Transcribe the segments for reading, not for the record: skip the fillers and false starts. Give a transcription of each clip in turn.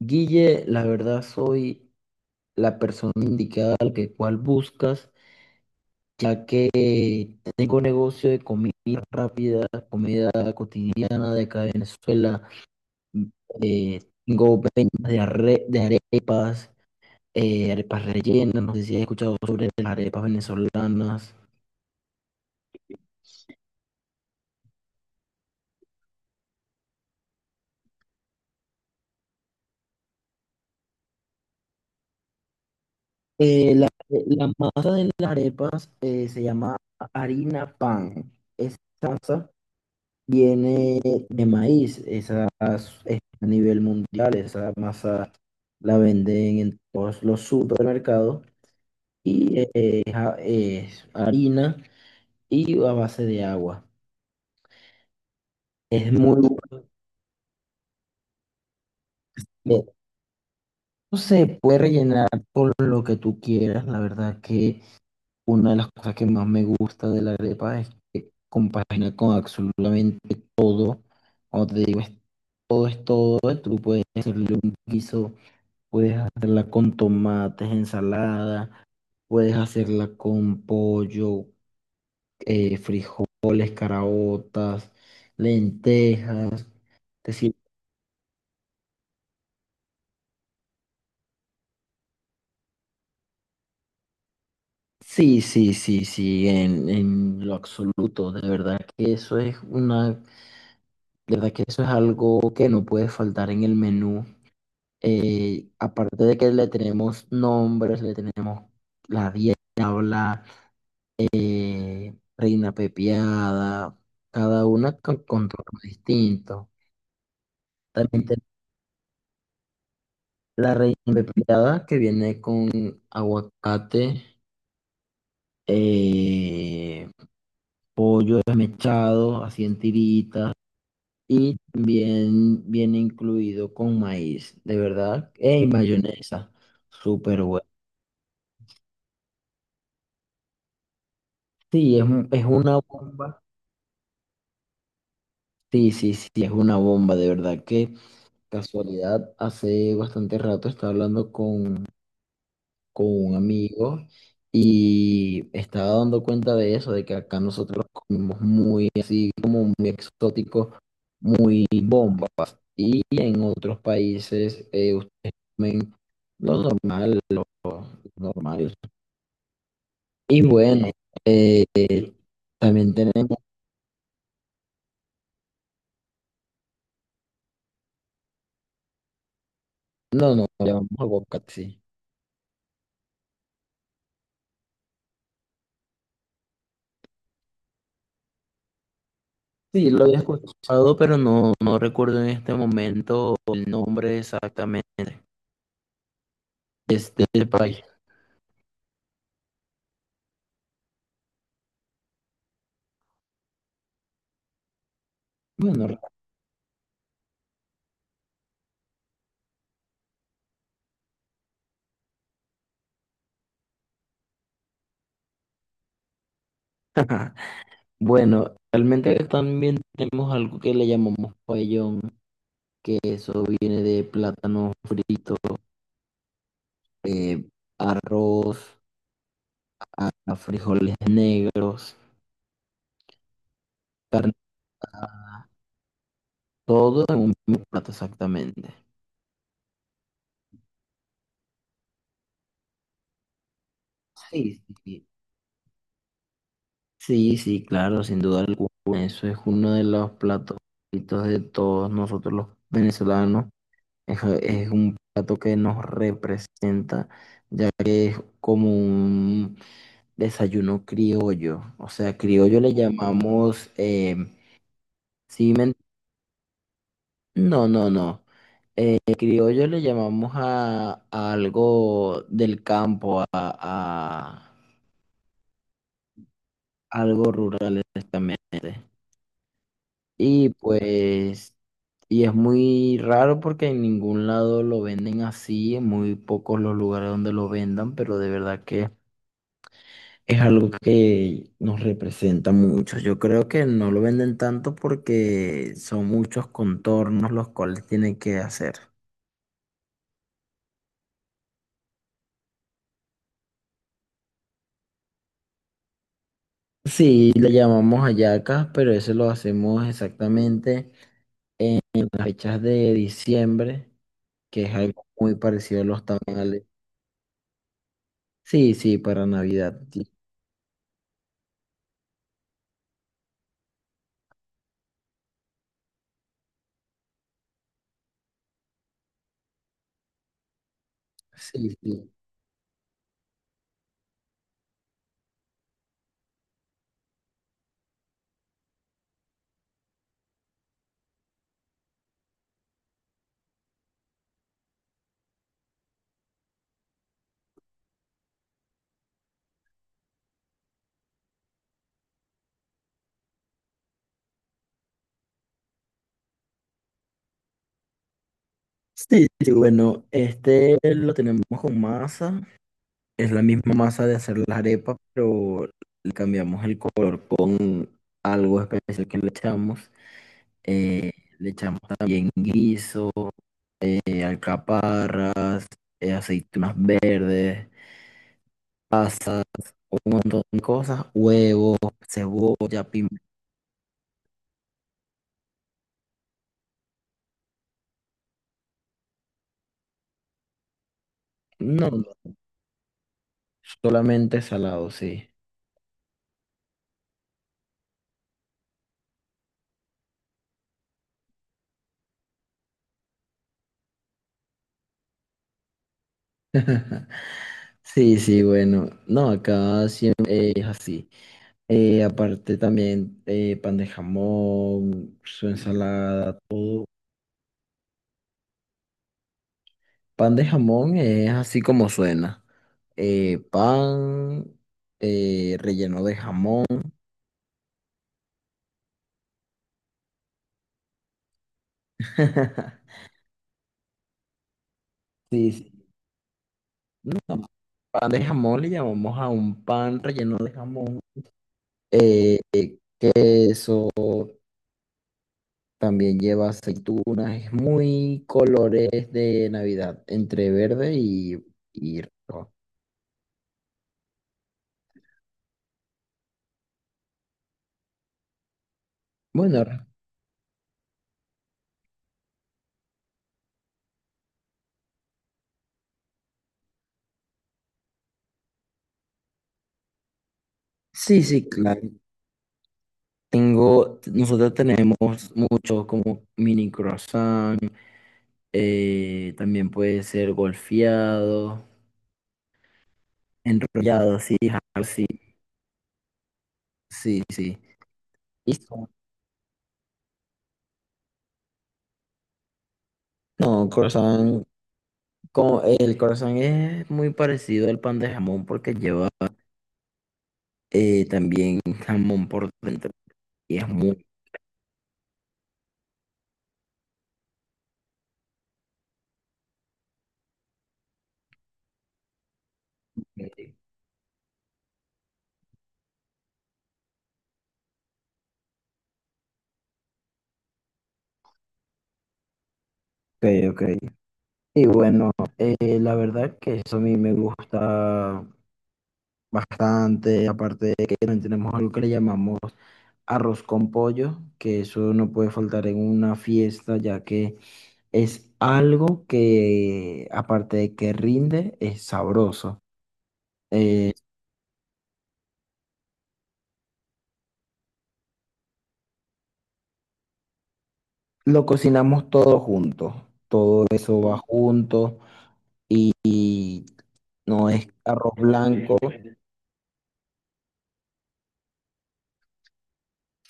Guille, la verdad soy la persona indicada al que cual buscas, ya que tengo negocio de comida rápida, comida cotidiana de acá de Venezuela. eh, Tengo ventas de, de arepas, arepas rellenas, no sé si has escuchado sobre las arepas venezolanas. La masa de las arepas se llama harina pan. Esa masa viene de maíz, esas es a nivel mundial, esa masa la venden en todos los supermercados y es, es harina y a base de agua. Es muy bueno. No se puede rellenar con lo que tú quieras. La verdad que una de las cosas que más me gusta de la arepa es que compagina con absolutamente todo. Como te digo, todo es todo. Tú puedes hacerle un guiso. Puedes hacerla con tomates, ensalada, puedes hacerla con pollo, frijoles, caraotas, lentejas. Te sir- sí, sí, sí, sí, en lo absoluto. De verdad que eso es una, de verdad que eso es algo que no puede faltar en el menú. Aparte de que le tenemos nombres, le tenemos la dieta, Reina Pepiada, cada una con contorno distinto. También tenemos la reina pepiada que viene con aguacate, eh, pollo desmechado, así en tiritas, y también viene incluido con maíz, de verdad, y mayonesa, súper bueno. Sí, es, es una bomba. Sí, sí, sí, es una bomba, de verdad que casualidad, hace bastante rato estaba hablando con un amigo y estaba dando cuenta de eso, de que acá nosotros comemos muy así, como muy exótico, muy bombas. Y en otros países ustedes comen lo normal, normal. Y bueno, eh, también tenemos, no, no, le llamamos aguacate, sí. Sí, lo había escuchado, pero no, no recuerdo en este momento el nombre exactamente de este país. Bueno, Bueno, realmente acá también tenemos algo que le llamamos pabellón, que eso viene de plátano frito, eh, arroz, a frijoles negros, carne, todo en un mismo plato exactamente. Sí, sí, sí, sí, claro, sin duda alguna. Eso es uno de los platos favoritos de todos nosotros los venezolanos. Es un plato que nos representa, ya que como un desayuno criollo. O sea, criollo le llamamos. Sí, men- no, no, no. Criollo le llamamos a algo del campo, a algo rural exactamente. Y pues. Y es muy raro porque en ningún lado lo venden así, en muy pocos los lugares donde lo vendan, pero de verdad que es algo que nos representa mucho. Yo creo que no lo venden tanto porque son muchos contornos los cuales tienen que hacer. Sí, le llamamos hallacas, pero eso lo hacemos exactamente en las fechas de diciembre, que es algo muy parecido a los tamales. Sí, sí, para Navidad. Sí, sí. Sí, sí, sí, bueno, este lo tenemos con masa. Es la misma masa de hacer las arepas, pero le cambiamos el color con algo especial que le echamos. Eh, Le echamos también guiso, alcaparras, aceitunas verdes, pasa, un montón de cosas, huevos, cebolla, pimiento. No, no, solamente salado, sí. Sí, sí, bueno, no, acá siempre es así. Aparte también pan de jamón, su ensalada, todo. Pan de jamón es así como suena. Pan relleno de jamón. Sí, sí. No. Pan de jamón le llamamos a un pan relleno de jamón. Eh, También lleva aceitunas, es muy colores de Navidad, entre verde y rojo. Bueno, r- sí, sí, claro. Tengo, nosotros tenemos muchos como mini croissant, también puede ser golfeado, enrollado, sí, ja, sí, sí, sí. Y son- no, croissant, como, el croissant es muy parecido al pan de jamón porque lleva también jamón por dentro y es muy rico. Ok, ok. Y bueno, la verdad que eso a mí me gusta bastante, aparte de que también tenemos algo que le llamamos arroz con pollo, que eso no puede faltar en una fiesta, ya que es algo que, aparte de que rinde, es sabroso. Eh, lo cocinamos todo juntos, todo eso va junto, no es arroz blanco.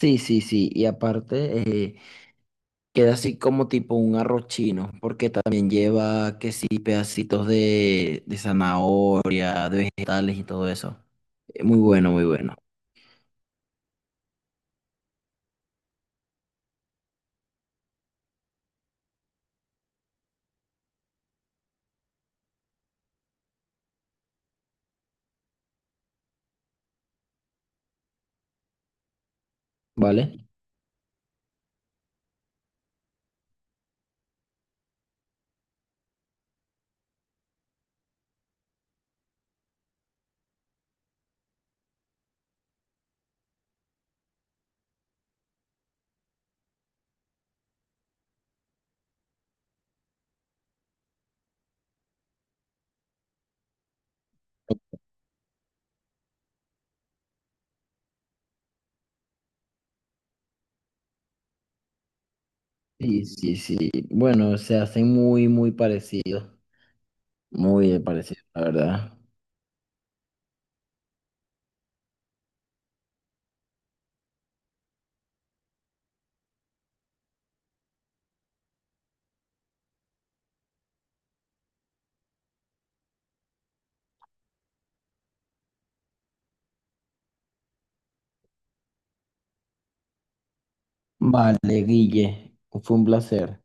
Sí, sí, sí, y aparte queda así como tipo un arroz chino, porque también lleva que sí, pedacitos de zanahoria, de vegetales y todo eso. Muy bueno, muy bueno. ¿Vale? Sí, sí, sí. Bueno, se hacen muy, muy parecidos. Muy parecidos, la verdad. Vale, Guille, fue un placer.